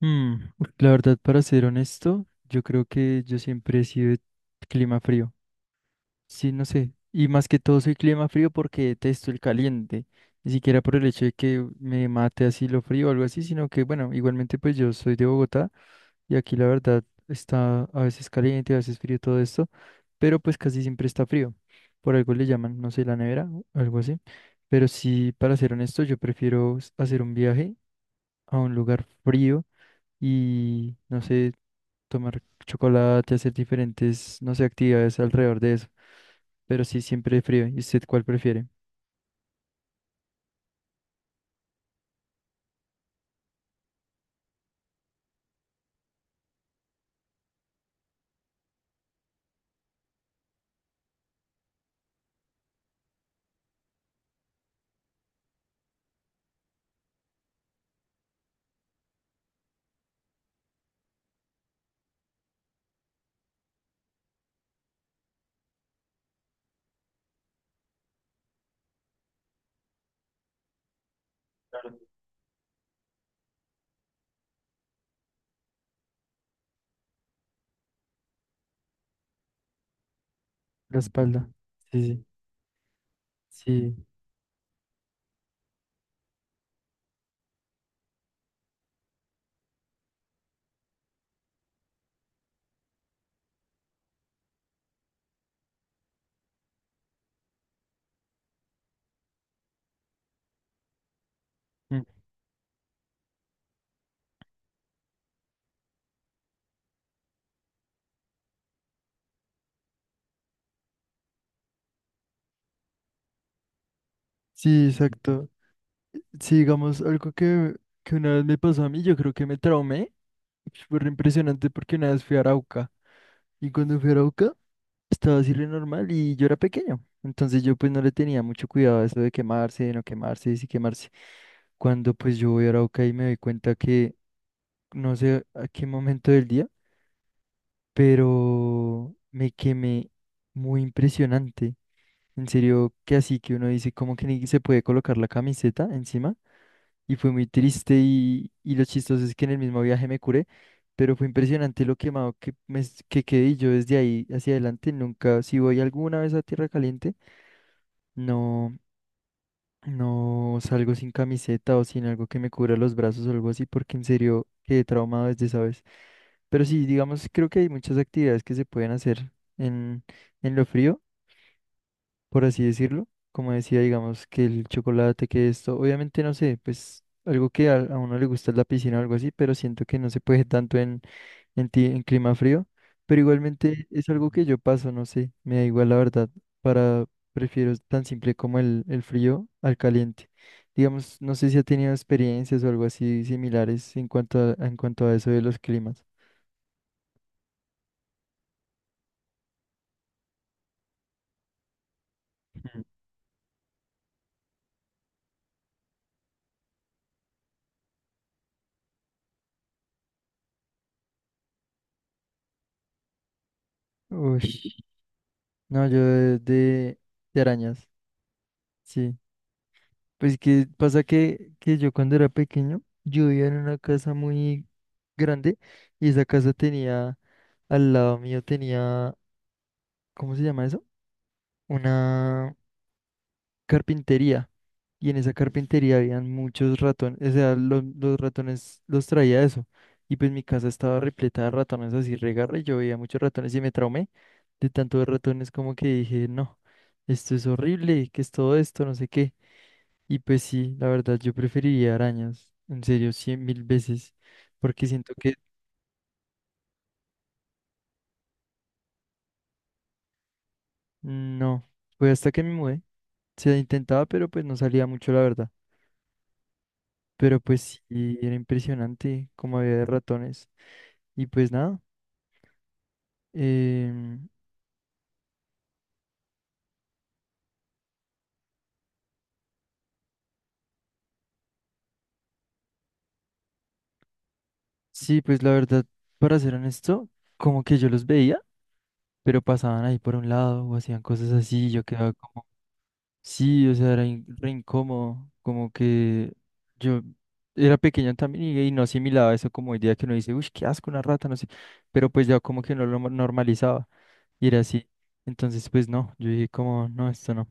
Mm, la verdad, para ser honesto, yo creo que yo siempre he sido de clima frío. Sí, no sé. Y más que todo soy clima frío porque detesto el caliente. Ni siquiera por el hecho de que me mate así lo frío o algo así, sino que, bueno, igualmente pues yo soy de Bogotá y aquí la verdad está a veces caliente, a veces frío todo esto, pero pues casi siempre está frío. Por algo le llaman, no sé, la nevera o algo así. Pero sí, para ser honesto, yo prefiero hacer un viaje a un lugar frío y no sé tomar chocolate, hacer diferentes, no sé, actividades alrededor de eso. Pero sí, siempre frío. ¿Y usted cuál prefiere? La espalda. Sí, sí. Mm. Sí, exacto. Sí, digamos, algo que una vez me pasó a mí, yo creo que me traumé. Fue re impresionante porque una vez fui a Arauca. Y cuando fui a Arauca, estaba así re normal y yo era pequeño. Entonces yo pues no le tenía mucho cuidado a eso de quemarse, de no quemarse, de si quemarse. Cuando pues yo voy a Arauca y me doy cuenta que no sé a qué momento del día, pero me quemé muy impresionante. En serio, que así que uno dice cómo que ni se puede colocar la camiseta encima y fue muy triste y lo chistoso es que en el mismo viaje me curé, pero fue impresionante lo quemado que quedé y yo desde ahí hacia adelante nunca, si voy alguna vez a Tierra Caliente, no, no salgo sin camiseta o sin algo que me cubra los brazos o algo así porque en serio quedé traumado desde esa vez. Pero sí, digamos, creo que hay muchas actividades que se pueden hacer en, en lo frío, por así decirlo. Como decía, digamos, que el chocolate, que esto, obviamente no sé, pues algo que a uno le gusta es la piscina o algo así, pero siento que no se puede tanto en clima frío. Pero igualmente es algo que yo paso, no sé, me da igual la verdad, para prefiero tan simple como el frío al caliente. Digamos, no sé si ha tenido experiencias o algo así similares en cuanto a eso de los climas. Ujú. Uy. No, yo de arañas, sí. Pues que pasa que yo cuando era pequeño, yo vivía en una casa muy grande y esa casa tenía, al lado mío tenía, ¿cómo se llama eso? Una carpintería. Y en esa carpintería habían muchos ratones, o sea, los ratones los traía eso. Y pues mi casa estaba repleta de ratones así regarra y yo veía muchos ratones y me traumé de tanto de ratones como que dije, no, esto es horrible, ¿qué es todo esto? No sé qué. Y pues sí, la verdad, yo preferiría arañas, en serio, 100.000 veces, porque siento que no, pues hasta que me mudé, se intentaba, pero pues no salía mucho, la verdad. Pero pues sí, era impresionante como había de ratones. Y pues nada, em, sí, pues la verdad, para ser honesto, como que yo los veía, pero pasaban ahí por un lado o hacían cosas así, y yo quedaba como... Sí, o sea, era re incómodo, como que yo era pequeño también y no asimilaba eso como idea que uno dice, uy, qué asco, una rata, no sé, pero pues ya como que no lo normalizaba y era así, entonces pues no, yo dije como, no, esto no,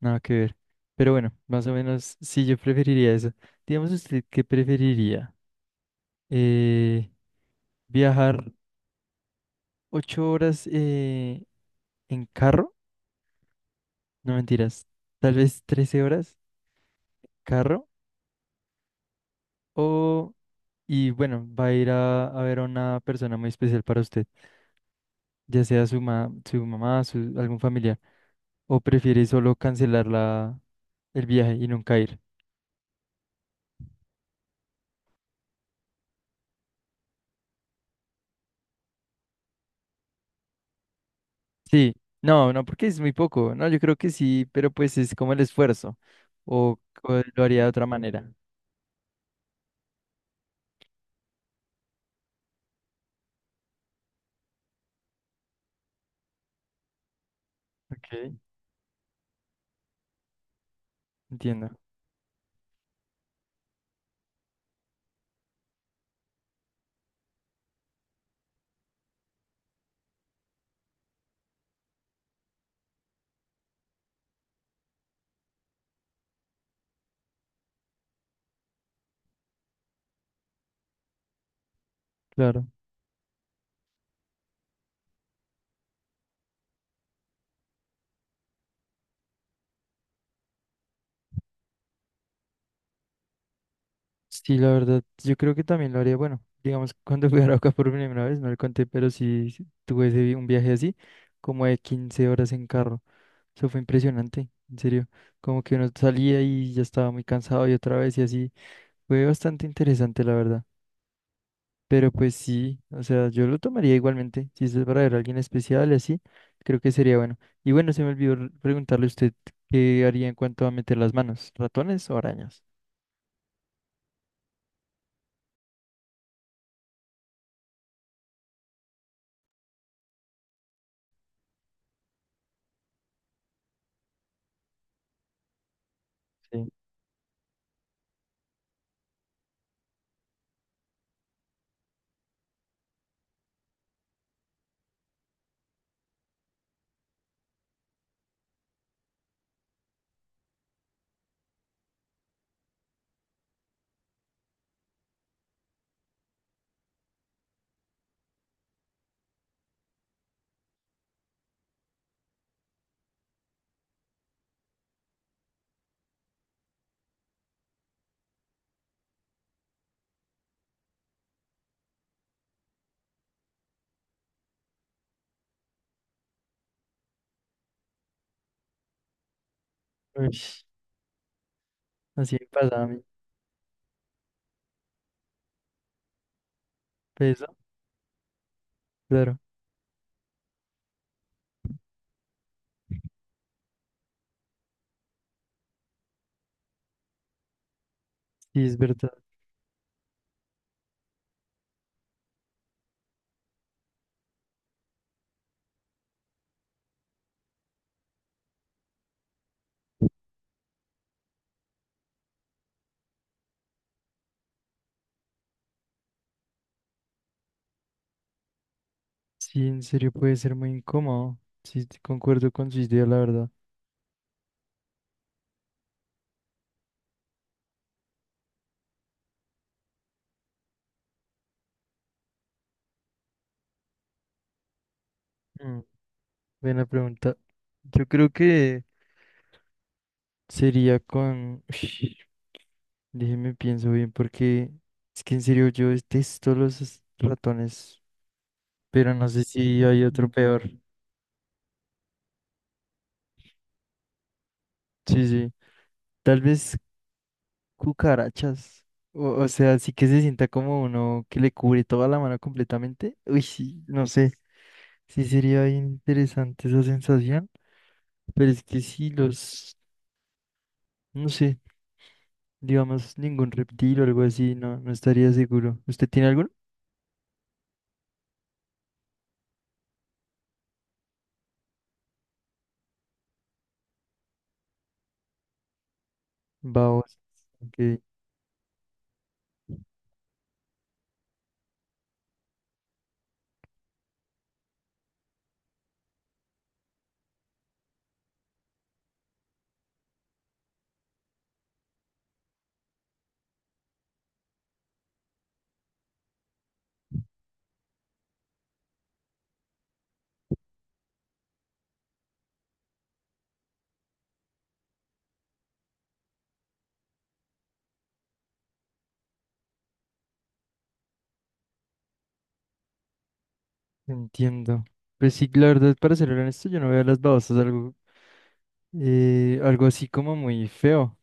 nada que ver, pero bueno, más o menos sí, yo preferiría eso. Digamos usted, ¿qué preferiría? Eh, ¿Viajar 8 horas en carro? No mentiras, tal vez 13 horas, carro o... Y bueno, va a ir a ver a una persona muy especial para usted, ya sea su mamá, su, algún familiar, o prefiere solo cancelar el viaje y nunca ir. Sí, no, no, porque es muy poco, no, yo creo que sí, pero pues es como el esfuerzo, o lo haría de otra manera. Ok, entiendo, claro. Sí, la verdad, yo creo que también lo haría, bueno, digamos, cuando fui a Arauca por primera vez, no le conté, pero sí sí, tuve un viaje así, como de 15 horas en carro. Eso fue impresionante, en serio. Como que uno salía y ya estaba muy cansado y otra vez y así. Fue bastante interesante, la verdad. Pero pues sí, o sea, yo lo tomaría igualmente. Si es para ver a alguien especial y así, creo que sería bueno. Y bueno, se me olvidó preguntarle a usted qué haría en cuanto a meter las manos, ¿ratones o arañas? Sí. Uy, así me pasaba a mí. Peso, claro. Sí, es verdad. Sí, en serio puede ser muy incómodo. Sí, concuerdo con su idea, la verdad. Mm, Buena pregunta. Yo creo que sería con... Ush, déjeme pienso bien porque es que en serio yo detesto los ratones, pero no sé si hay otro peor. Sí, sí. Tal vez cucarachas. O sea, sí que se sienta como uno que le cubre toda la mano completamente. Uy, sí, no sé. Sí sería bien interesante esa sensación. Pero es que si los, no sé, digamos ningún reptil o algo así, no, no estaría seguro. ¿Usted tiene alguno? Va, vos. Ok. Entiendo. Pues sí, la verdad, para ser honesto, yo no veo las babosas algo, algo así como muy feo.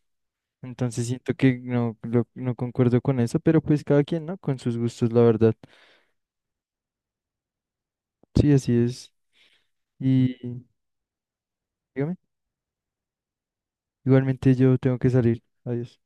Entonces siento que no, no concuerdo con eso, pero pues cada quien, ¿no? Con sus gustos, la verdad. Sí, así es. Y dígame, igualmente yo tengo que salir. Adiós.